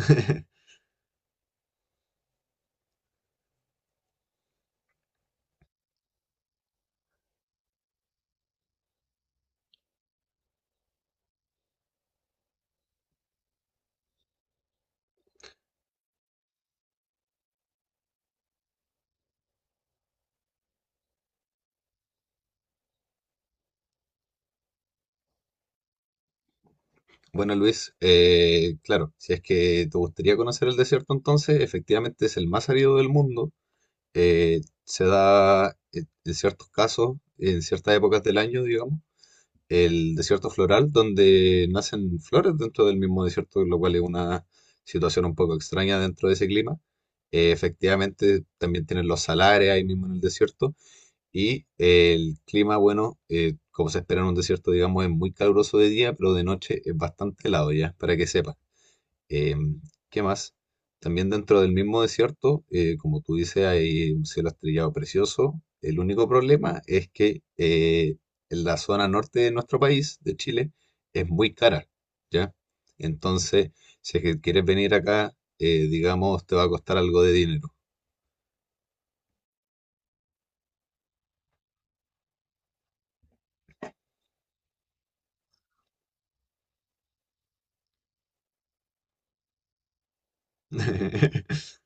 Bueno, Luis, claro, si es que te gustaría conocer el desierto, entonces efectivamente es el más árido del mundo. Se da en ciertos casos, en ciertas épocas del año, digamos, el desierto floral, donde nacen flores dentro del mismo desierto, lo cual es una situación un poco extraña dentro de ese clima. Efectivamente, también tienen los salares ahí mismo en el desierto. Y el clima, bueno, como se espera en un desierto, digamos, es muy caluroso de día, pero de noche es bastante helado ya, para que sepa. Em, ¿Qué más? También dentro del mismo desierto, como tú dices, hay un cielo estrellado precioso. El único problema es que en la zona norte de nuestro país, de Chile, es muy cara, ¿ya? Entonces, si es que quieres venir acá, digamos, te va a costar algo de dinero.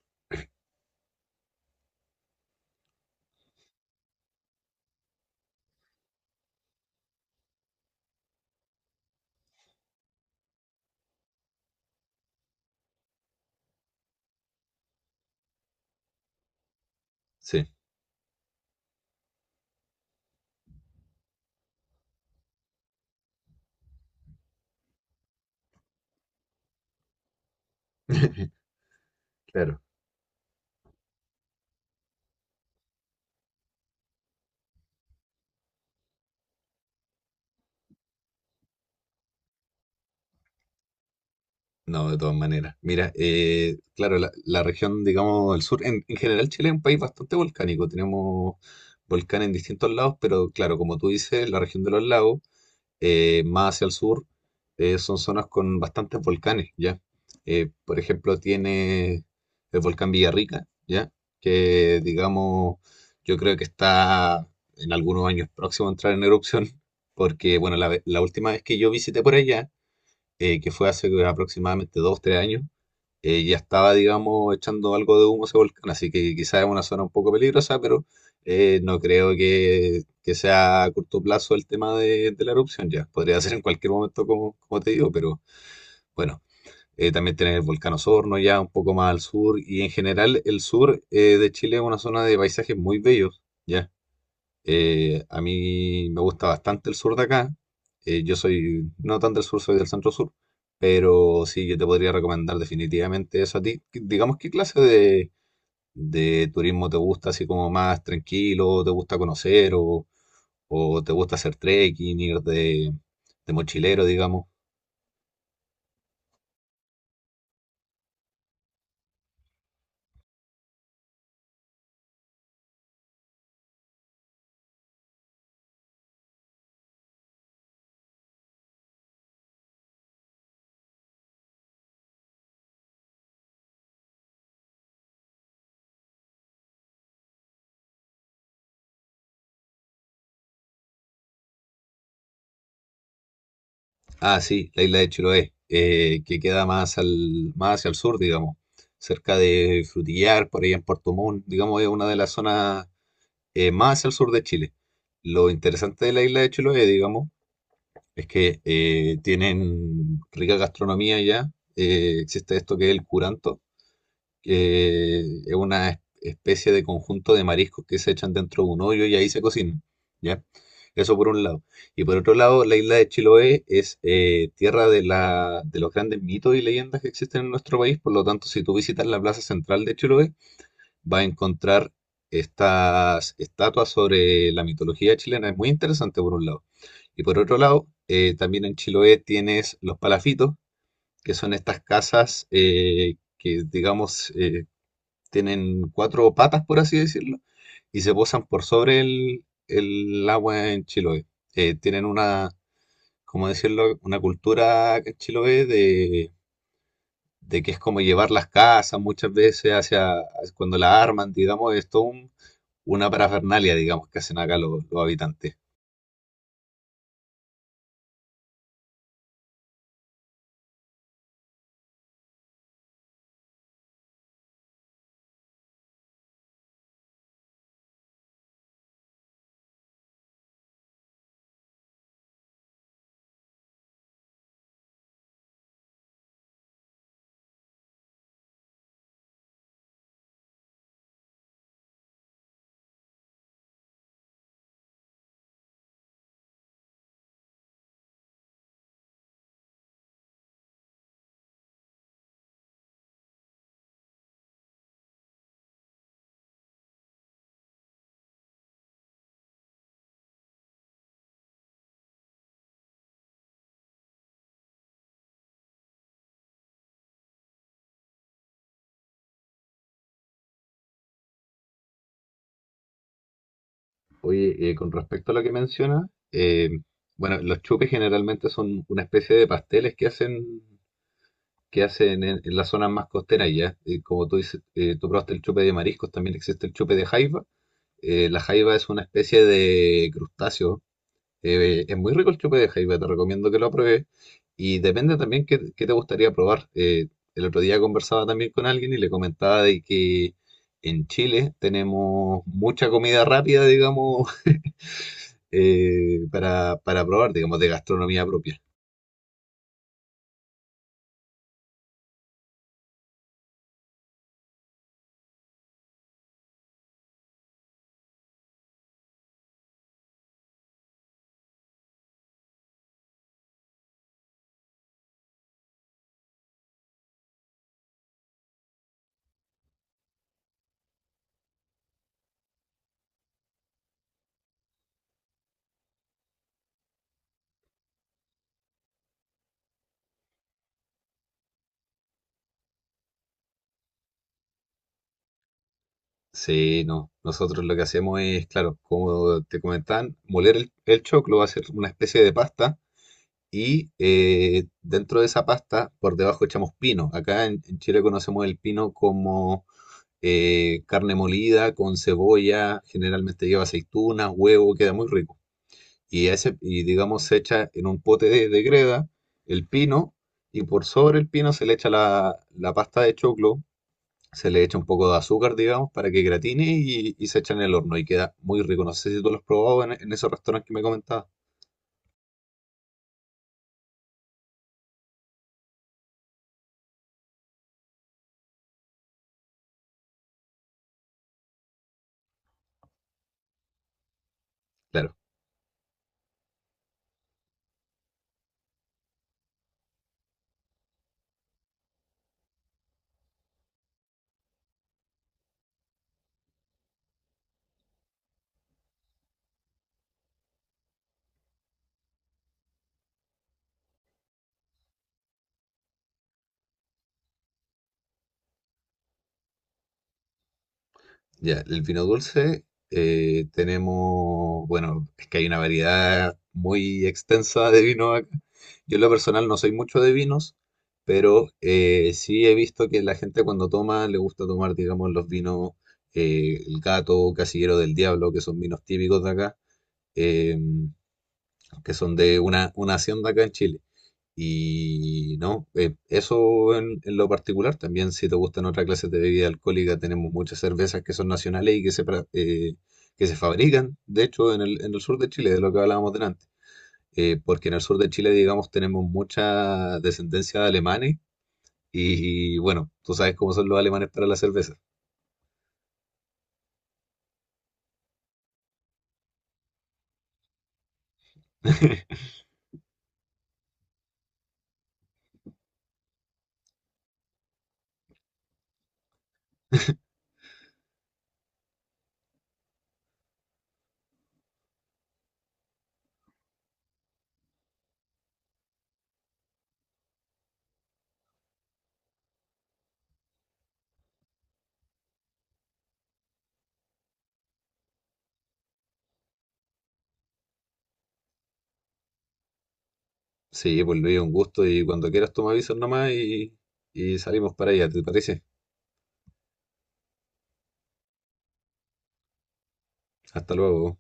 Sí, claro. No, de todas maneras. Mira, claro, la región, digamos, el sur, en general Chile es un país bastante volcánico. Tenemos volcanes en distintos lados, pero claro, como tú dices, la región de los lagos, más hacia el sur, son zonas con bastantes volcanes, ¿ya? Por ejemplo, tiene el volcán Villarrica, ¿ya? Que, digamos, yo creo que está en algunos años próximo a entrar en erupción, porque, bueno, la última vez que yo visité por allá, que fue hace aproximadamente dos, tres años, ya estaba, digamos, echando algo de humo ese volcán, así que quizás es una zona un poco peligrosa, pero no creo que sea a corto plazo el tema de la erupción ya. Podría ser en cualquier momento, como, como te digo, pero bueno, también tener el volcán Osorno ya un poco más al sur, y en general el sur de Chile es una zona de paisajes muy bellos, ya. A mí me gusta bastante el sur de acá. Yo soy no tan del sur, soy del centro sur. Pero sí, yo te podría recomendar definitivamente eso a ti. Que- Digamos, ¿qué clase de turismo te gusta? Así como más tranquilo, te gusta conocer o te gusta hacer trekking, ir de mochilero, digamos. Ah, sí, la isla de Chiloé, que queda más, al, más hacia el sur, digamos cerca de Frutillar, por ahí en Puerto Montt, digamos, es una de las zonas más hacia el sur de Chile. Lo interesante de la isla de Chiloé, digamos, es que tienen rica gastronomía ya. Existe esto que es el curanto, que es una especie de conjunto de mariscos que se echan dentro de un hoyo y ahí se cocinan, ¿ya? Eso por un lado. Y por otro lado, la isla de Chiloé es tierra de, la, de los grandes mitos y leyendas que existen en nuestro país. Por lo tanto, si tú visitas la plaza central de Chiloé, va a encontrar estas estatuas sobre la mitología chilena. Es muy interesante por un lado. Y por otro lado, también en Chiloé tienes los palafitos, que son estas casas que, digamos, tienen cuatro patas, por así decirlo, y se posan por sobre el agua en Chiloé. Tienen una, como decirlo, una cultura en Chiloé de que es como llevar las casas muchas veces hacia, cuando la arman, digamos, es todo un una parafernalia, digamos, que hacen acá los habitantes. Oye, con respecto a lo que mencionas, bueno, los chupes generalmente son una especie de pasteles que hacen en las zonas más costeras ya. Y como tú dices, tú probaste el chupe de mariscos, también existe el chupe de jaiba. La jaiba es una especie de crustáceo. Es muy rico el chupe de jaiba, te recomiendo que lo pruebes. Y depende también qué, qué te gustaría probar. El otro día conversaba también con alguien y le comentaba de que en Chile tenemos mucha comida rápida, digamos, para probar, digamos, de gastronomía propia. Sí, no. Nosotros lo que hacemos es, claro, como te comentaban, moler el choclo, hacer una especie de pasta y dentro de esa pasta, por debajo echamos pino. Acá en Chile conocemos el pino como carne molida con cebolla, generalmente lleva aceitunas, huevo, queda muy rico. Y, ese, y digamos, se echa en un pote de greda el pino y por sobre el pino se le echa la, la pasta de choclo, se le echa un poco de azúcar, digamos, para que gratine y se echa en el horno y queda muy rico. No sé si tú lo has probado en esos restaurantes que me comentabas. Claro. Ya, el vino dulce tenemos, bueno, es que hay una variedad muy extensa de vino acá. Yo en lo personal no soy mucho de vinos, pero sí he visto que la gente cuando toma le gusta tomar, digamos, los vinos El Gato, Casillero del Diablo, que son vinos típicos de acá, eh, que son de una hacienda acá en Chile. Y no, eso en lo particular. También, si te gustan otras clases de bebida alcohólica, tenemos muchas cervezas que son nacionales y que se, que se fabrican, de hecho, en el sur de Chile, de lo que hablábamos delante. Porque en el sur de Chile, digamos, tenemos mucha descendencia de alemanes. Y, bueno, tú sabes cómo son los alemanes para la cerveza. Sí, pues Luis, un gusto. Y cuando quieras, tú me avisas nomás y salimos para allá, ¿te parece? Hasta luego.